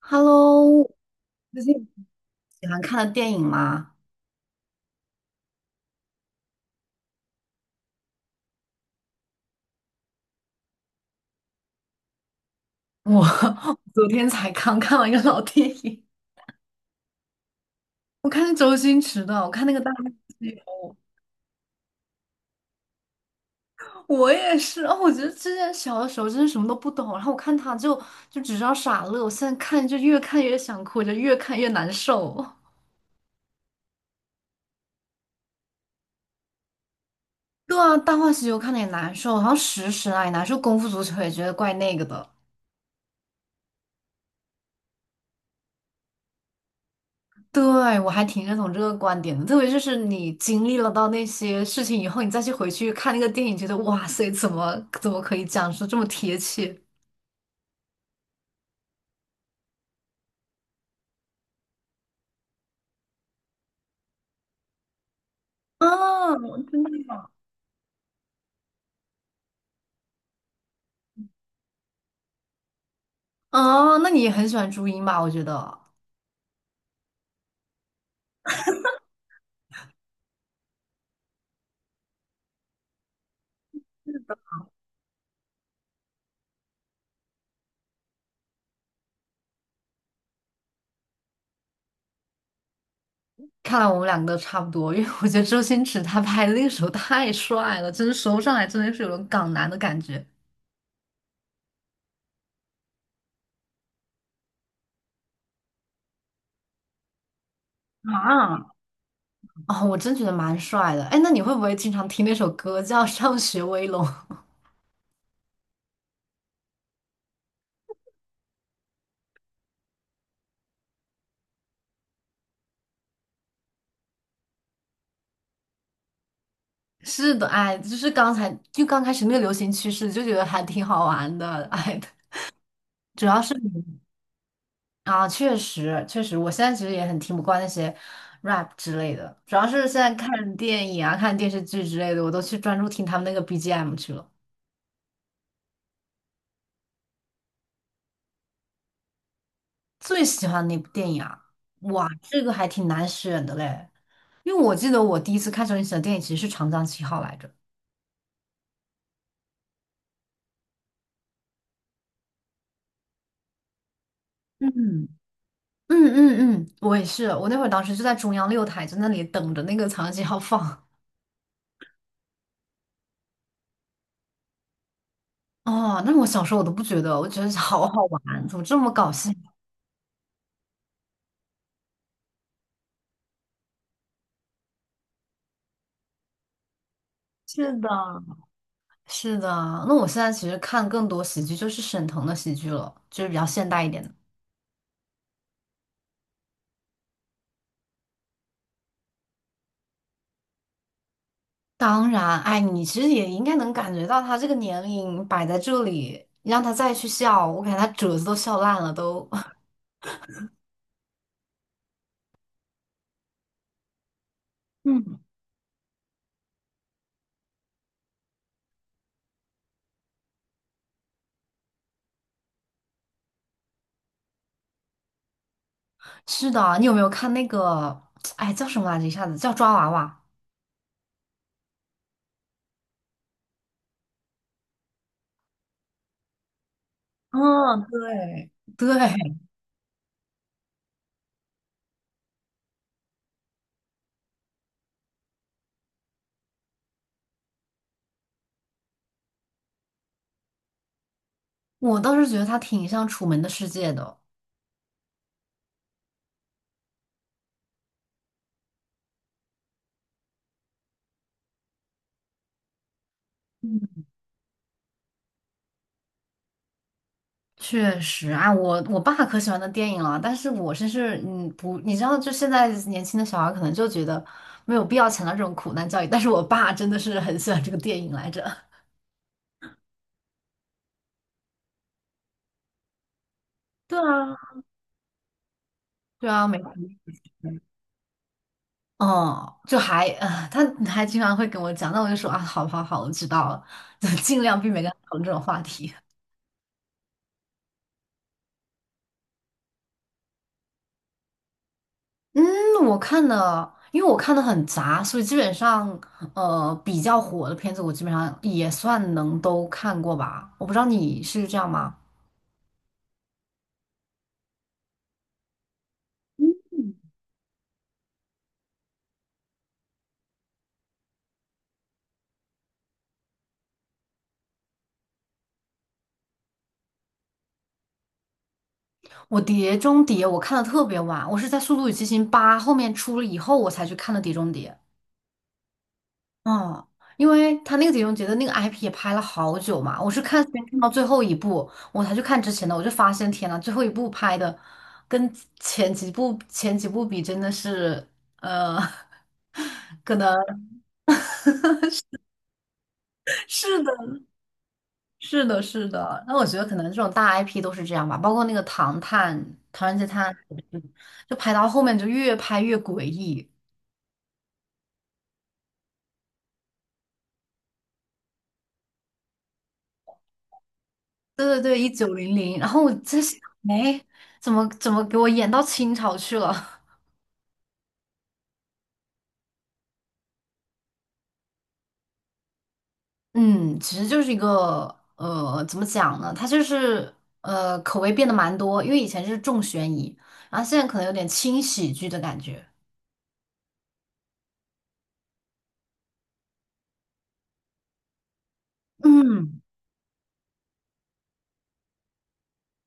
Hello，最近喜欢看的电影吗？我 昨天才刚看了一个老电影，我看周星驰的，我看那个《大话西游》。我也是哦，我觉得之前小的时候真是什么都不懂，然后我看他就只知道傻乐，我现在看就越看越想哭，就越看越难受。对啊，《大话西游》看的也难受，然后《食神》啊也难受，《功夫足球》也觉得怪那个的。对，我还挺认同这个观点的，特别就是你经历了到那些事情以后，你再去回去看那个电影，觉得哇塞，怎么可以讲述这么贴切？啊，我真的吗？哦，那你也很喜欢朱茵吧？我觉得，看来我们两个都差不多，因为我觉得周星驰他拍的那个时候太帅了，真的说不上来，真的是有种港男的感觉。啊，哦，我真觉得蛮帅的。哎，那你会不会经常听那首歌叫《上学威龙》？是的，哎，就是刚才就刚开始那个流行趋势，就觉得还挺好玩的，哎，主要是啊，确实确实，我现在其实也很听不惯那些 rap 之类的，主要是现在看电影啊、看电视剧之类的，我都去专注听他们那个 BGM 去了。最喜欢哪部电影啊？哇，这个还挺难选的嘞，因为我记得我第一次看周星驰的电影其实是《长江七号》来着。嗯嗯嗯嗯，我也是，我那会儿当时就在中央六台，在那里等着那个《长江七号》放。哦，那我小时候我都不觉得，我觉得 好好玩，怎么这么搞笑？是的，是的，那我现在其实看更多喜剧，就是沈腾的喜剧了，就是比较现代一点的。当然，哎，你其实也应该能感觉到他这个年龄摆在这里，你让他再去笑，我感觉他褶子都笑烂了都。嗯，是的，你有没有看那个？哎，叫什么来着？一下子叫抓娃娃。嗯，对，对，我倒是觉得他挺像《楚门的世界》的。确实啊，我爸可喜欢的电影了，但是我真是不，你知道，就现在年轻的小孩可能就觉得没有必要强调这种苦难教育，但是我爸真的是很喜欢这个电影来着。对啊，对啊，没错。嗯，就还啊、他还经常会跟我讲，那我就说啊，好好好，我知道了，就尽量避免跟他讨论这种话题。嗯，我看的，因为我看的很杂，所以基本上，比较火的片子我基本上也算能都看过吧。我不知道你是这样吗？我《碟中谍》我看的特别晚，我是在《速度与激情八》后面出了以后我才去看的《碟中谍》。嗯，因为他那个《碟中谍》的那个 IP 也拍了好久嘛，我是先看到最后一部，我才去看之前的，我就发现天呐，最后一部拍的跟前几部比真的是，呃，可能。是的，是的，是的。那我觉得可能这种大 IP 都是这样吧，包括那个《唐探》《唐人街探案》，就拍到后面就越拍越诡异。对对对，一九零零。然后我在想，哎，怎么给我演到清朝去了？嗯，其实就是一个怎么讲呢？它就是口味变得蛮多，因为以前是重悬疑，然后现在可能有点轻喜剧的感觉。嗯，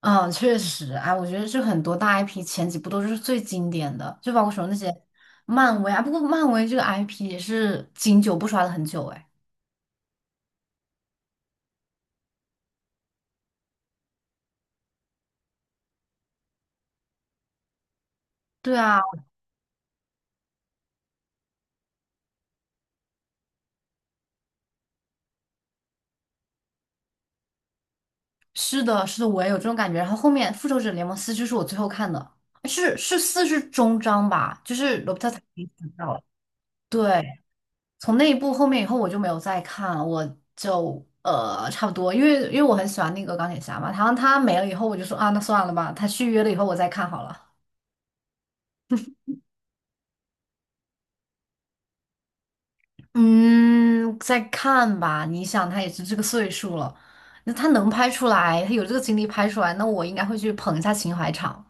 嗯，确实，哎，我觉得这很多大 IP 前几部都是最经典的，就包括说那些漫威啊，不过漫威这个 IP 也是经久不衰了很久，哎，对啊，是的，是的，我也有这种感觉。然后后面《复仇者联盟四》就是我最后看的，是四是终章吧，就是罗伯特·唐尼死掉了。对，从那一部后面以后我就没有再看了，我就差不多，因为我很喜欢那个钢铁侠嘛，然后他没了以后我就说啊，那算了吧，他续约了以后我再看好了。嗯，再看吧。你想，他也是这个岁数了，那他能拍出来，他有这个精力拍出来，那我应该会去捧一下情怀场。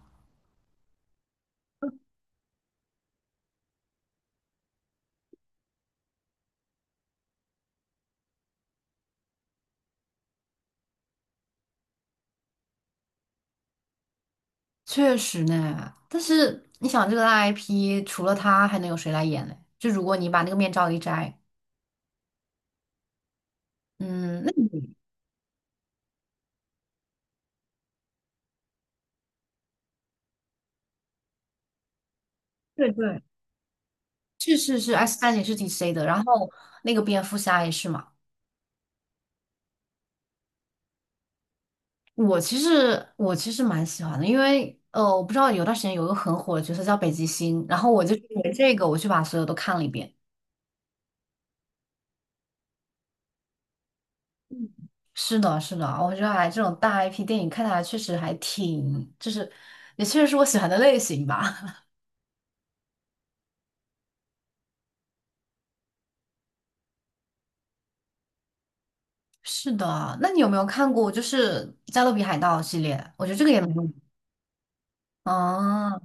确实呢，但是你想，这个大 IP 除了他，还能有谁来演呢？就如果你把那个面罩一摘，嗯，那你 对对，是是是，S 战警是 DC 的，然后那个蝙蝠侠也是嘛。我其实蛮喜欢的，因为我不知道有段时间有一个很火的角色叫北极星，然后我就因为这个我去把所有都看了一遍。是的，是的，我觉得还这种大 IP 电影看下来确实还挺，就是也确实是我喜欢的类型吧。是的，那你有没有看过就是《加勒比海盗》系列？我觉得这个也蛮有名的啊，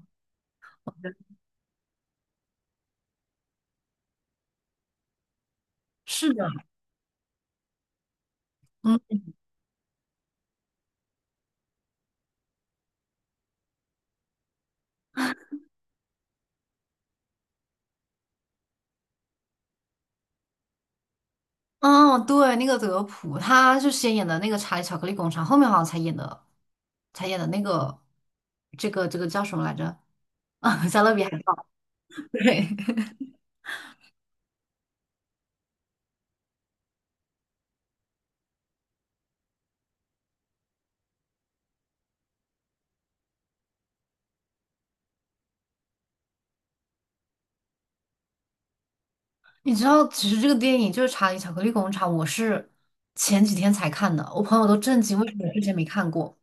是的，嗯，哦，对，那个德普，他是先演的那个《查理巧克力工厂》，后面好像才演的，才演的那个，这个这个叫什么来着？啊，《加勒比海盗》对，你知道，其实这个电影就是《查理巧克力工厂》，我是前几天才看的，我朋友都震惊，为什么我之前没看过？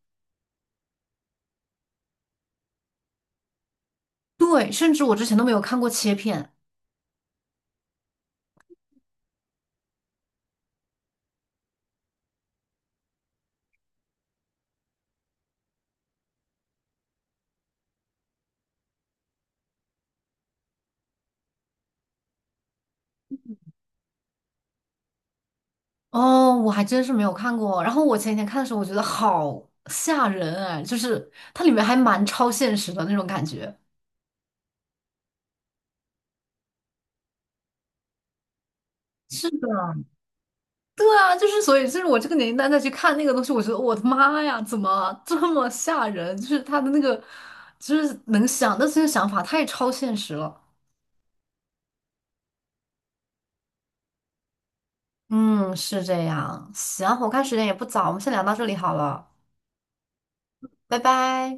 对，甚至我之前都没有看过切片。哦，我还真是没有看过。然后我前几天看的时候，我觉得好吓人哎，就是它里面还蛮超现实的那种感觉。是的，对啊，就是所以，就是我这个年龄段再去看那个东西，我觉得我的妈呀，怎么这么吓人？就是他的那个，就是能想到这些想法太超现实了。嗯，是这样。行，我看时间也不早，我们先聊到这里好了，拜拜。